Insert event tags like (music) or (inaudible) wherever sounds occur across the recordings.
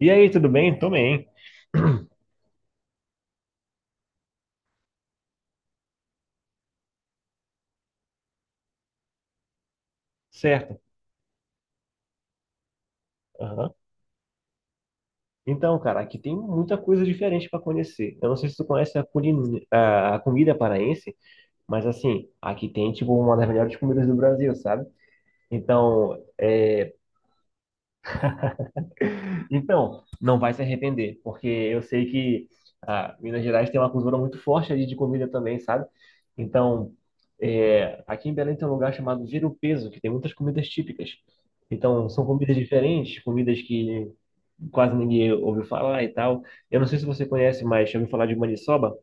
E aí, tudo bem? Tô bem. Certo. Aham. Então, cara, aqui tem muita coisa diferente para conhecer. Eu não sei se tu conhece a, culin... a comida paraense, mas assim, aqui tem tipo uma das melhores comidas do Brasil, sabe? Então, Então, não vai se arrepender, porque eu sei que Minas Gerais tem uma cultura muito forte ali de comida também, sabe? Então, aqui em Belém tem um lugar chamado Vira o Peso, que tem muitas comidas típicas. Então, são comidas diferentes, comidas que quase ninguém ouviu falar e tal. Eu não sei se você conhece, mas já ouviu falar de maniçoba?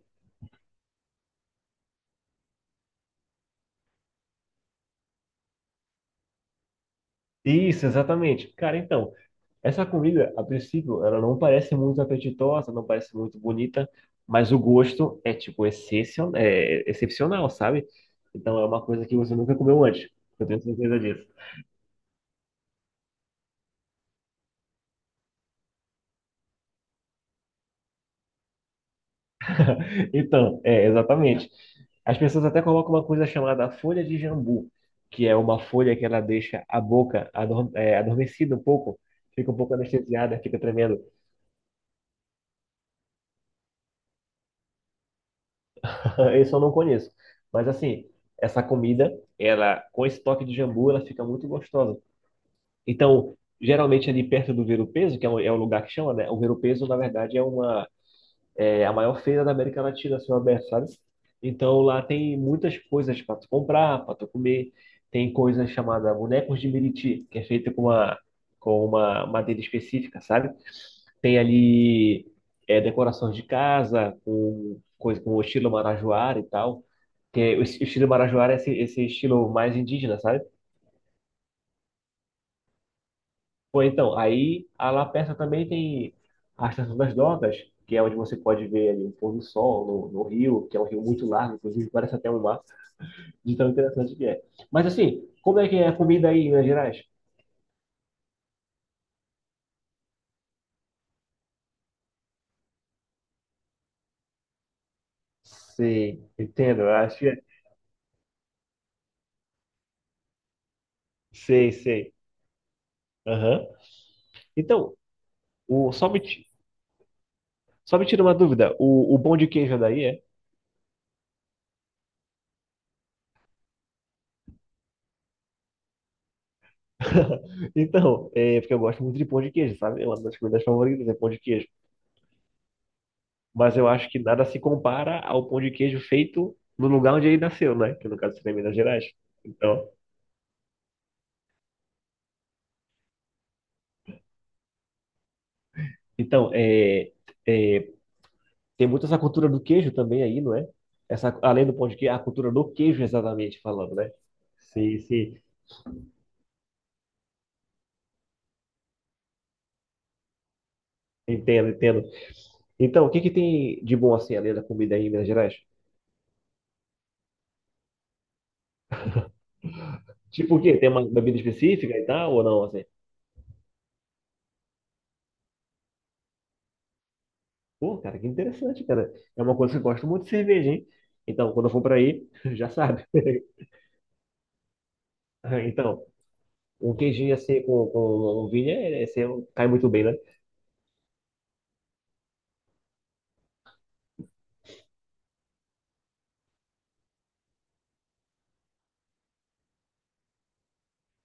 Isso, exatamente. Cara, então, essa comida, a princípio, ela não parece muito apetitosa, não parece muito bonita, mas o gosto é, tipo, excepcional, sabe? Então é uma coisa que você nunca comeu antes. Eu tenho certeza disso. (laughs) Então, exatamente. As pessoas até colocam uma coisa chamada folha de jambu, que é uma folha que ela deixa a boca adormecida um pouco, fica um pouco anestesiada, fica tremendo. (laughs) Isso eu não conheço. Mas assim, essa comida, ela com esse toque de jambu, ela fica muito gostosa. Então, geralmente ali perto do Ver-o-Peso, que é o lugar que chama, né? O Ver-o-Peso, na verdade, é uma é a maior feira da América Latina, a céu aberto, sabe? Então, lá tem muitas coisas para tu comprar, para tu comer. Tem coisa chamada bonecos de Meriti, que é feita com uma madeira específica, sabe? Tem ali decorações de casa, com coisa com o estilo marajoara e tal. Que é, o estilo marajoara é esse, estilo mais indígena, sabe? Foi então, aí a La Persa também tem a Estação das Docas, que é onde você pode ver ali o pôr do sol no rio, que é um rio muito largo, inclusive parece até um mar, de tão interessante que é. Mas assim, como é que é a comida aí em Minas Gerais? Sei, entendo. Eu acho que é. Sei, sei. Aham. Então, o, só me, ti- só me tira uma dúvida, o pão de queijo é daí é? Então, é porque eu gosto muito de pão de queijo, sabe? É uma das comidas favoritas é pão de queijo. Mas eu acho que nada se compara ao pão de queijo feito no lugar onde ele nasceu, né? Que no caso seria Minas Gerais. Então, então, é, tem muito essa cultura do queijo também aí, não é? Essa, além do pão de queijo, a cultura do queijo, exatamente falando, né? Sim, sim, entendo, entendo. Então, o que que tem de bom assim, além da comida aí em Minas Gerais? Tipo o quê? Tem uma bebida específica e tal, ou não? Assim? Pô, cara, que interessante, cara. É uma coisa que eu gosto muito de cerveja, hein? Então, quando eu for pra aí, (laughs) já sabe. (laughs) Então, um queijinho assim com ovinha é, assim, cai muito bem, né?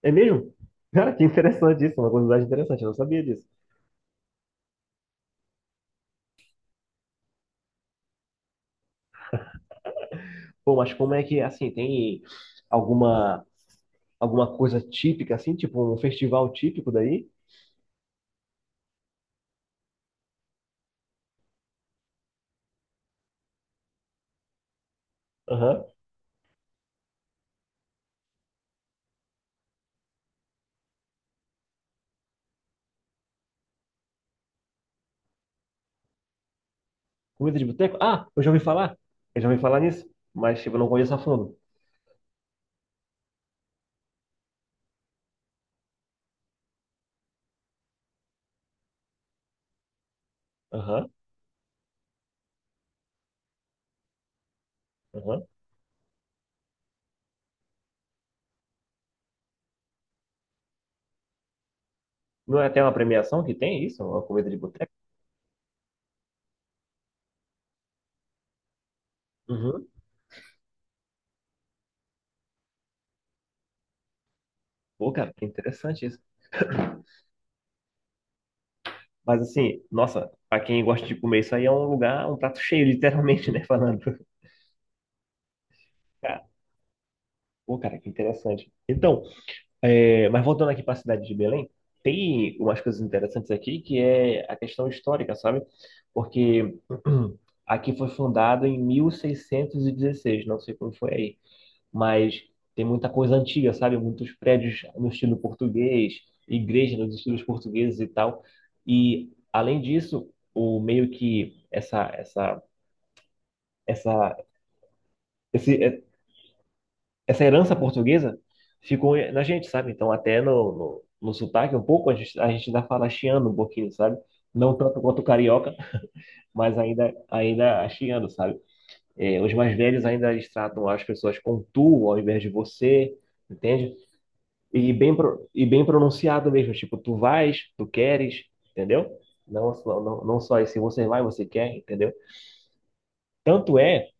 É mesmo? Cara, que interessante isso, uma curiosidade interessante, eu não sabia disso. Pô, mas como é que, assim, tem alguma, alguma coisa típica, assim, tipo um festival típico daí? Aham. Comida de boteco? Ah, eu já ouvi falar. Eu já ouvi falar nisso, mas tipo, eu não conheço a fundo. Aham, aham. Não é até uma premiação que tem isso? Uma comida de boteco? Uhum. Pô, cara, que interessante isso. Mas assim, nossa, pra quem gosta de comer isso aí é um lugar, um prato cheio, literalmente, né? Falando. Cara. Pô, cara, que interessante. Então, mas voltando aqui para a cidade de Belém, tem umas coisas interessantes aqui que é a questão histórica, sabe? Porque (clears throat) aqui foi fundado em 1616, não sei como foi aí, mas tem muita coisa antiga, sabe? Muitos prédios no estilo português, igrejas nos estilos portugueses e tal. E além disso, o meio que essa esse, essa herança portuguesa ficou na gente, sabe? Então, até no sotaque, um pouco, a gente ainda fala chiando um pouquinho, sabe? Não tanto quanto o carioca, mas ainda chiando, sabe? É, os mais velhos ainda eles tratam as pessoas com tu ao invés de você, entende? E bem pronunciado mesmo, tipo, tu vais, tu queres, entendeu? Não, só esse você vai, você quer, entendeu? Tanto é,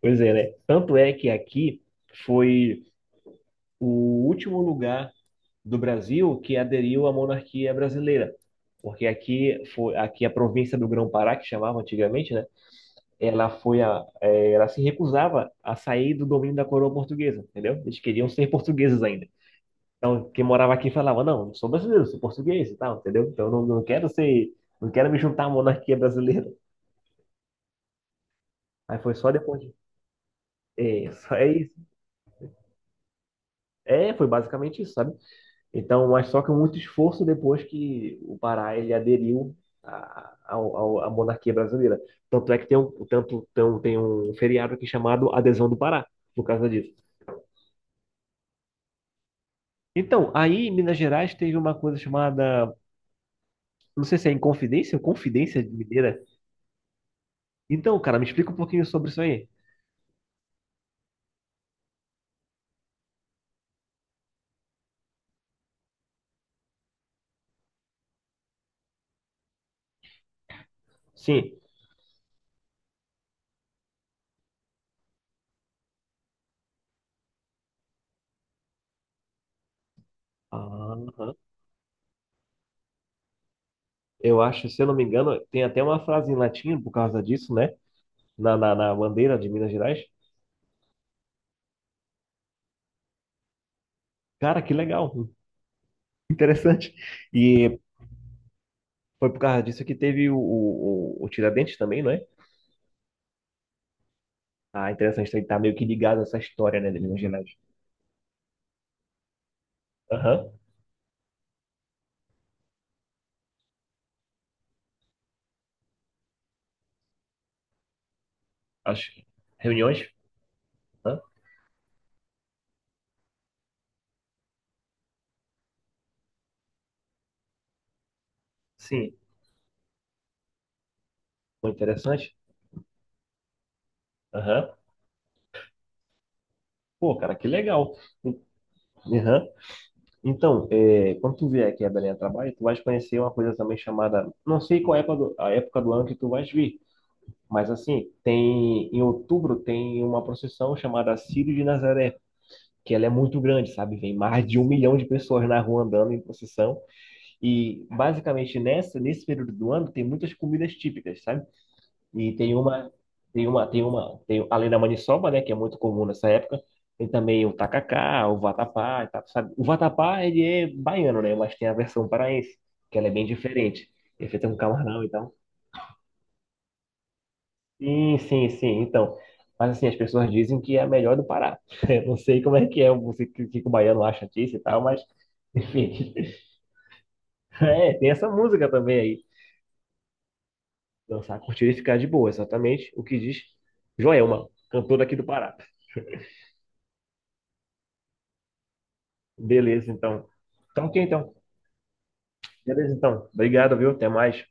pois é, né? Tanto é que aqui foi o último lugar do Brasil que aderiu à monarquia brasileira, porque aqui foi aqui a província do Grão-Pará que chamava antigamente, né? Ela ela se recusava a sair do domínio da coroa portuguesa, entendeu? Eles queriam ser portugueses ainda. Então quem morava aqui falava não, eu sou brasileiro, sou português e tal, entendeu? Então eu não quero ser, não quero me juntar à monarquia brasileira. Aí foi só depois de, é, só é isso. É, foi basicamente isso, sabe? Então, mas só que muito esforço depois que o Pará ele aderiu à monarquia brasileira. Tanto é que tem um feriado aqui chamado Adesão do Pará, por causa disso. Então, aí em Minas Gerais teve uma coisa chamada, não sei se é Inconfidência ou Confidência Mineira. Então, cara, me explica um pouquinho sobre isso aí. Sim. Aham. Eu acho, se eu não me engano, tem até uma frase em latim por causa disso, né? Na bandeira de Minas Gerais. Cara, que legal, interessante. E foi por causa disso que teve o Tiradentes também, não é? Ah, interessante, ele tá meio que ligado a essa história, né, de Minas Gerais. Aham. As reuniões. Aham. Sim, foi interessante. Aham. Pô, cara, que legal. Aham. Então, quando tu vier aqui a Belém a trabalho, tu vais conhecer uma coisa também chamada, não sei qual é a época do, ano que tu vais vir, mas assim, tem, em outubro tem uma procissão chamada Círio de Nazaré, que ela é muito grande, sabe? Vem mais de 1 milhão de pessoas na rua andando em procissão. E basicamente nesse período do ano tem muitas comidas típicas, sabe? E tem, além da maniçoba, né, que é muito comum nessa época, tem também o tacacá, o vatapá, e tal, sabe? O vatapá ele é baiano, né? Mas tem a versão paraense, que ela é bem diferente. É feita com camarão e tal. Sim, sim, sim. Então, mas assim, as pessoas dizem que é a melhor do Pará. (laughs) Eu não sei como é que é, o que, que o baiano acha disso e tal, mas enfim. (laughs) É, tem essa música também aí. Dançar, curtir e ficar de boa, exatamente o que diz Joelma, cantora aqui do Pará. Beleza, então. Então, ok, então. Beleza, então. Obrigado, viu? Até mais.